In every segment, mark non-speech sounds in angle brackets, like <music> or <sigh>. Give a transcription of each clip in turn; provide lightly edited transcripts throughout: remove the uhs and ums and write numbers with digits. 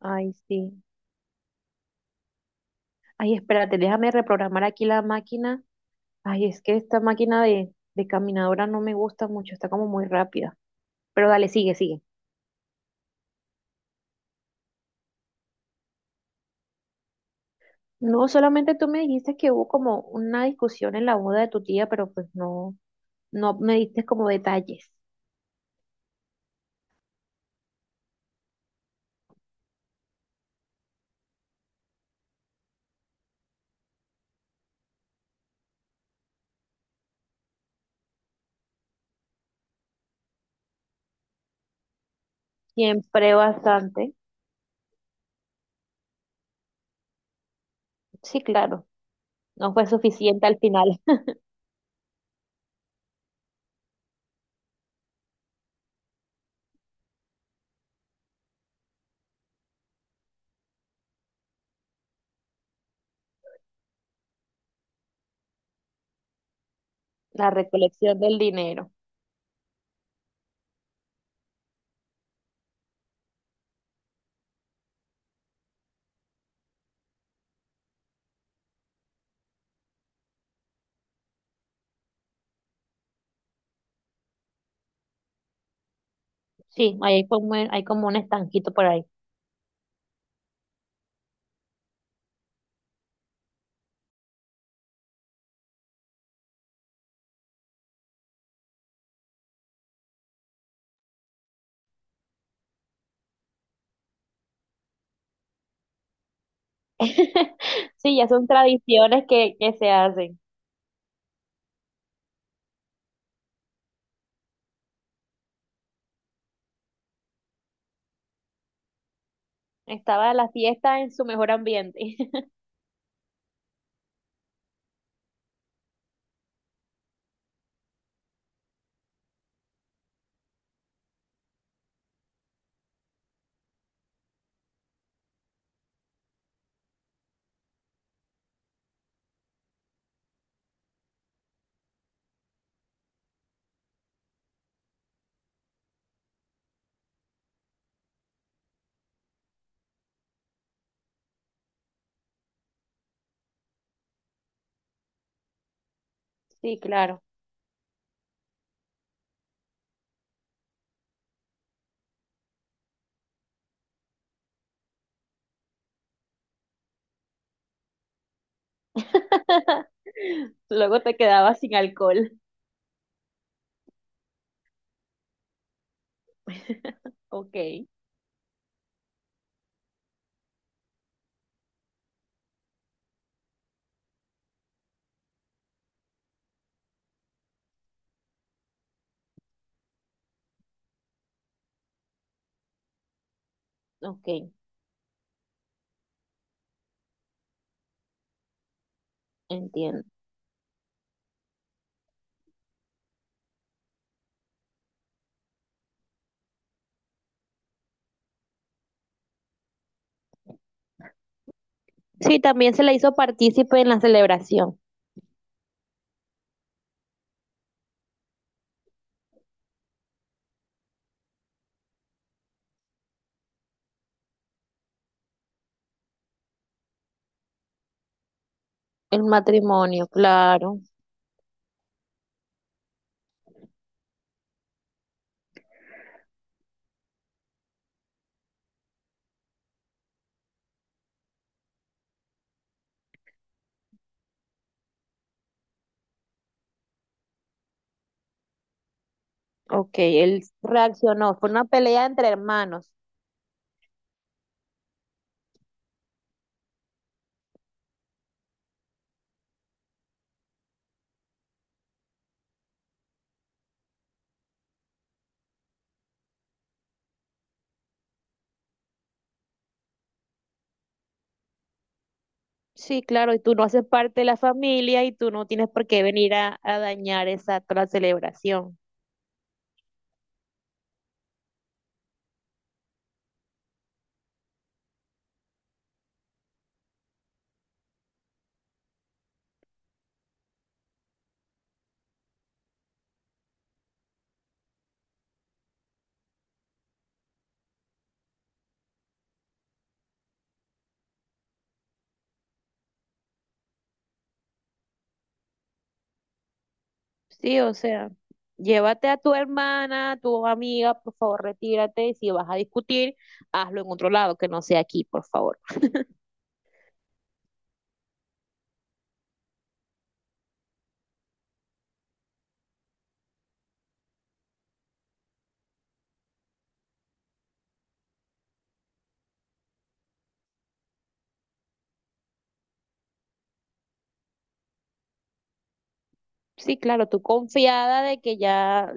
Ay, sí. Ay, espérate, déjame reprogramar aquí la máquina. Ay, es que esta máquina de caminadora no me gusta mucho, está como muy rápida. Pero dale, sigue, sigue. No, solamente tú me dijiste que hubo como una discusión en la boda de tu tía, pero pues no, no me diste como detalles. Siempre bastante. Sí, claro. No fue suficiente al final. <laughs> La recolección del dinero. Sí, hay como un estanquito por ahí. <laughs> Sí, ya son tradiciones que se hacen. Estaba la fiesta en su mejor ambiente. <laughs> Sí, claro. <laughs> Luego te quedabas sin alcohol. <laughs> Ok, ok, entiendo. Sí, también se le hizo partícipe en la celebración. El matrimonio, claro. Ok, él reaccionó. Fue una pelea entre hermanos. Sí, claro, y tú no haces parte de la familia y tú no tienes por qué venir a dañar esa toda la celebración. Sí, o sea, llévate a tu hermana, a tu amiga, por favor, retírate. Y si vas a discutir, hazlo en otro lado, que no sea aquí, por favor. Sí, claro, tú confiada de que ya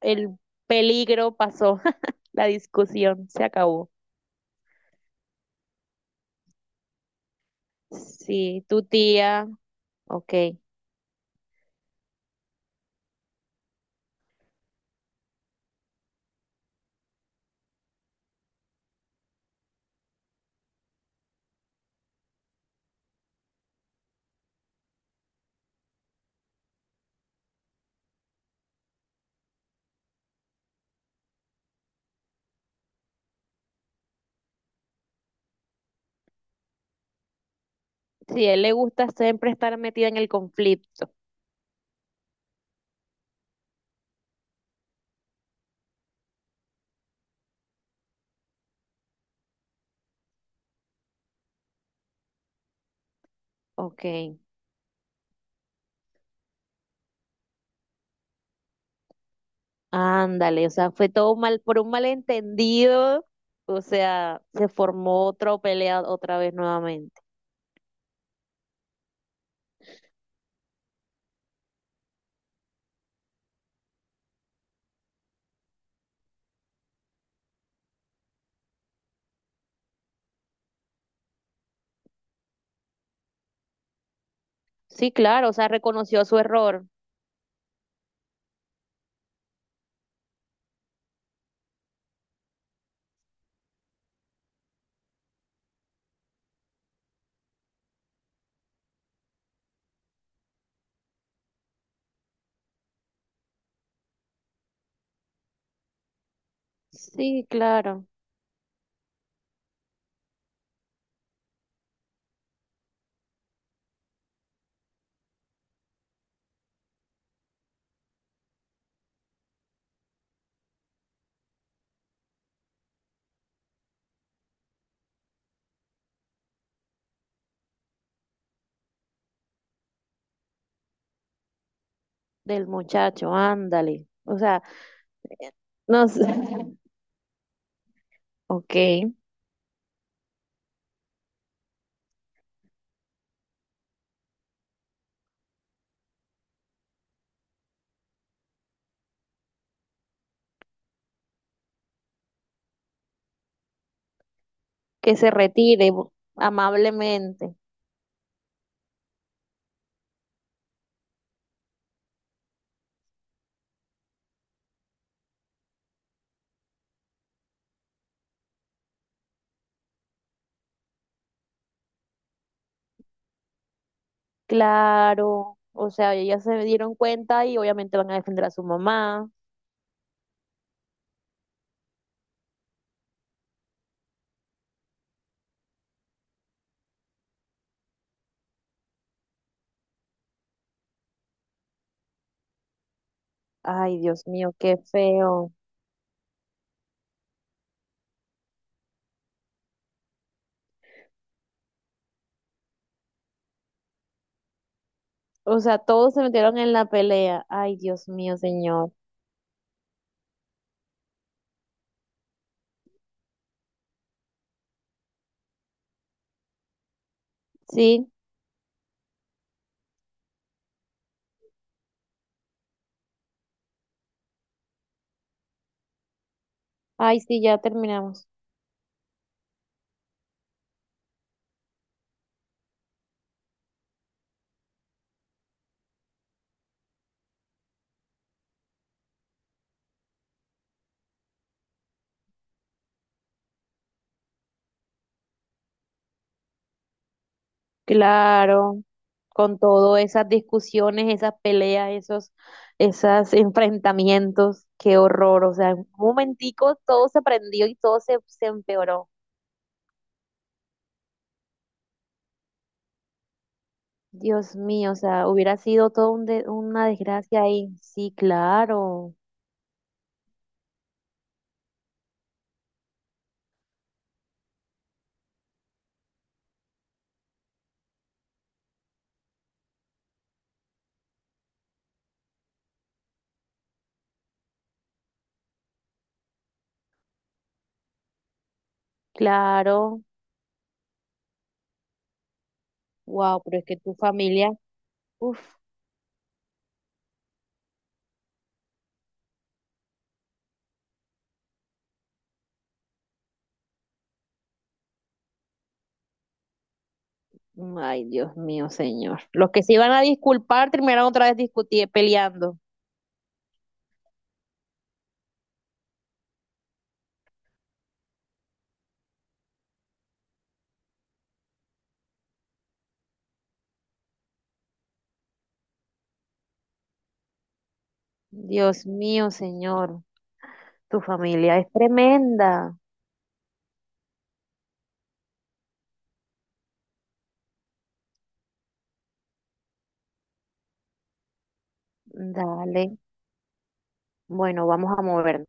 el peligro pasó, <laughs> la discusión se acabó. Sí, tu tía, ok. Si a él le gusta siempre estar metido en el conflicto. Ok, ándale, o sea, fue todo mal, por un malentendido, o sea, se formó otra pelea otra vez nuevamente. Sí, claro, o sea, reconoció su error. Sí, claro, del muchacho, ándale. O sea, eh, no sé. <laughs> Ok, que se retire bu- amablemente. Claro, o sea, ellas se dieron cuenta y obviamente van a defender a su mamá. Ay, Dios mío, qué feo. O sea, todos se metieron en la pelea. Ay, Dios mío, señor. Sí, ay, sí, ya terminamos. Claro, con todas esas discusiones, esas peleas, esos enfrentamientos, qué horror. O sea, en un momentico todo se prendió y todo se empeoró. Dios mío, o sea, hubiera sido todo un de- una desgracia ahí. Sí, claro. Claro, wow, pero es que tu familia, uff, ay Dios mío, señor. Los que se iban a disculpar terminaron otra vez discutiendo, peleando. Dios mío, señor, tu familia es tremenda. Dale, bueno, vamos a movernos.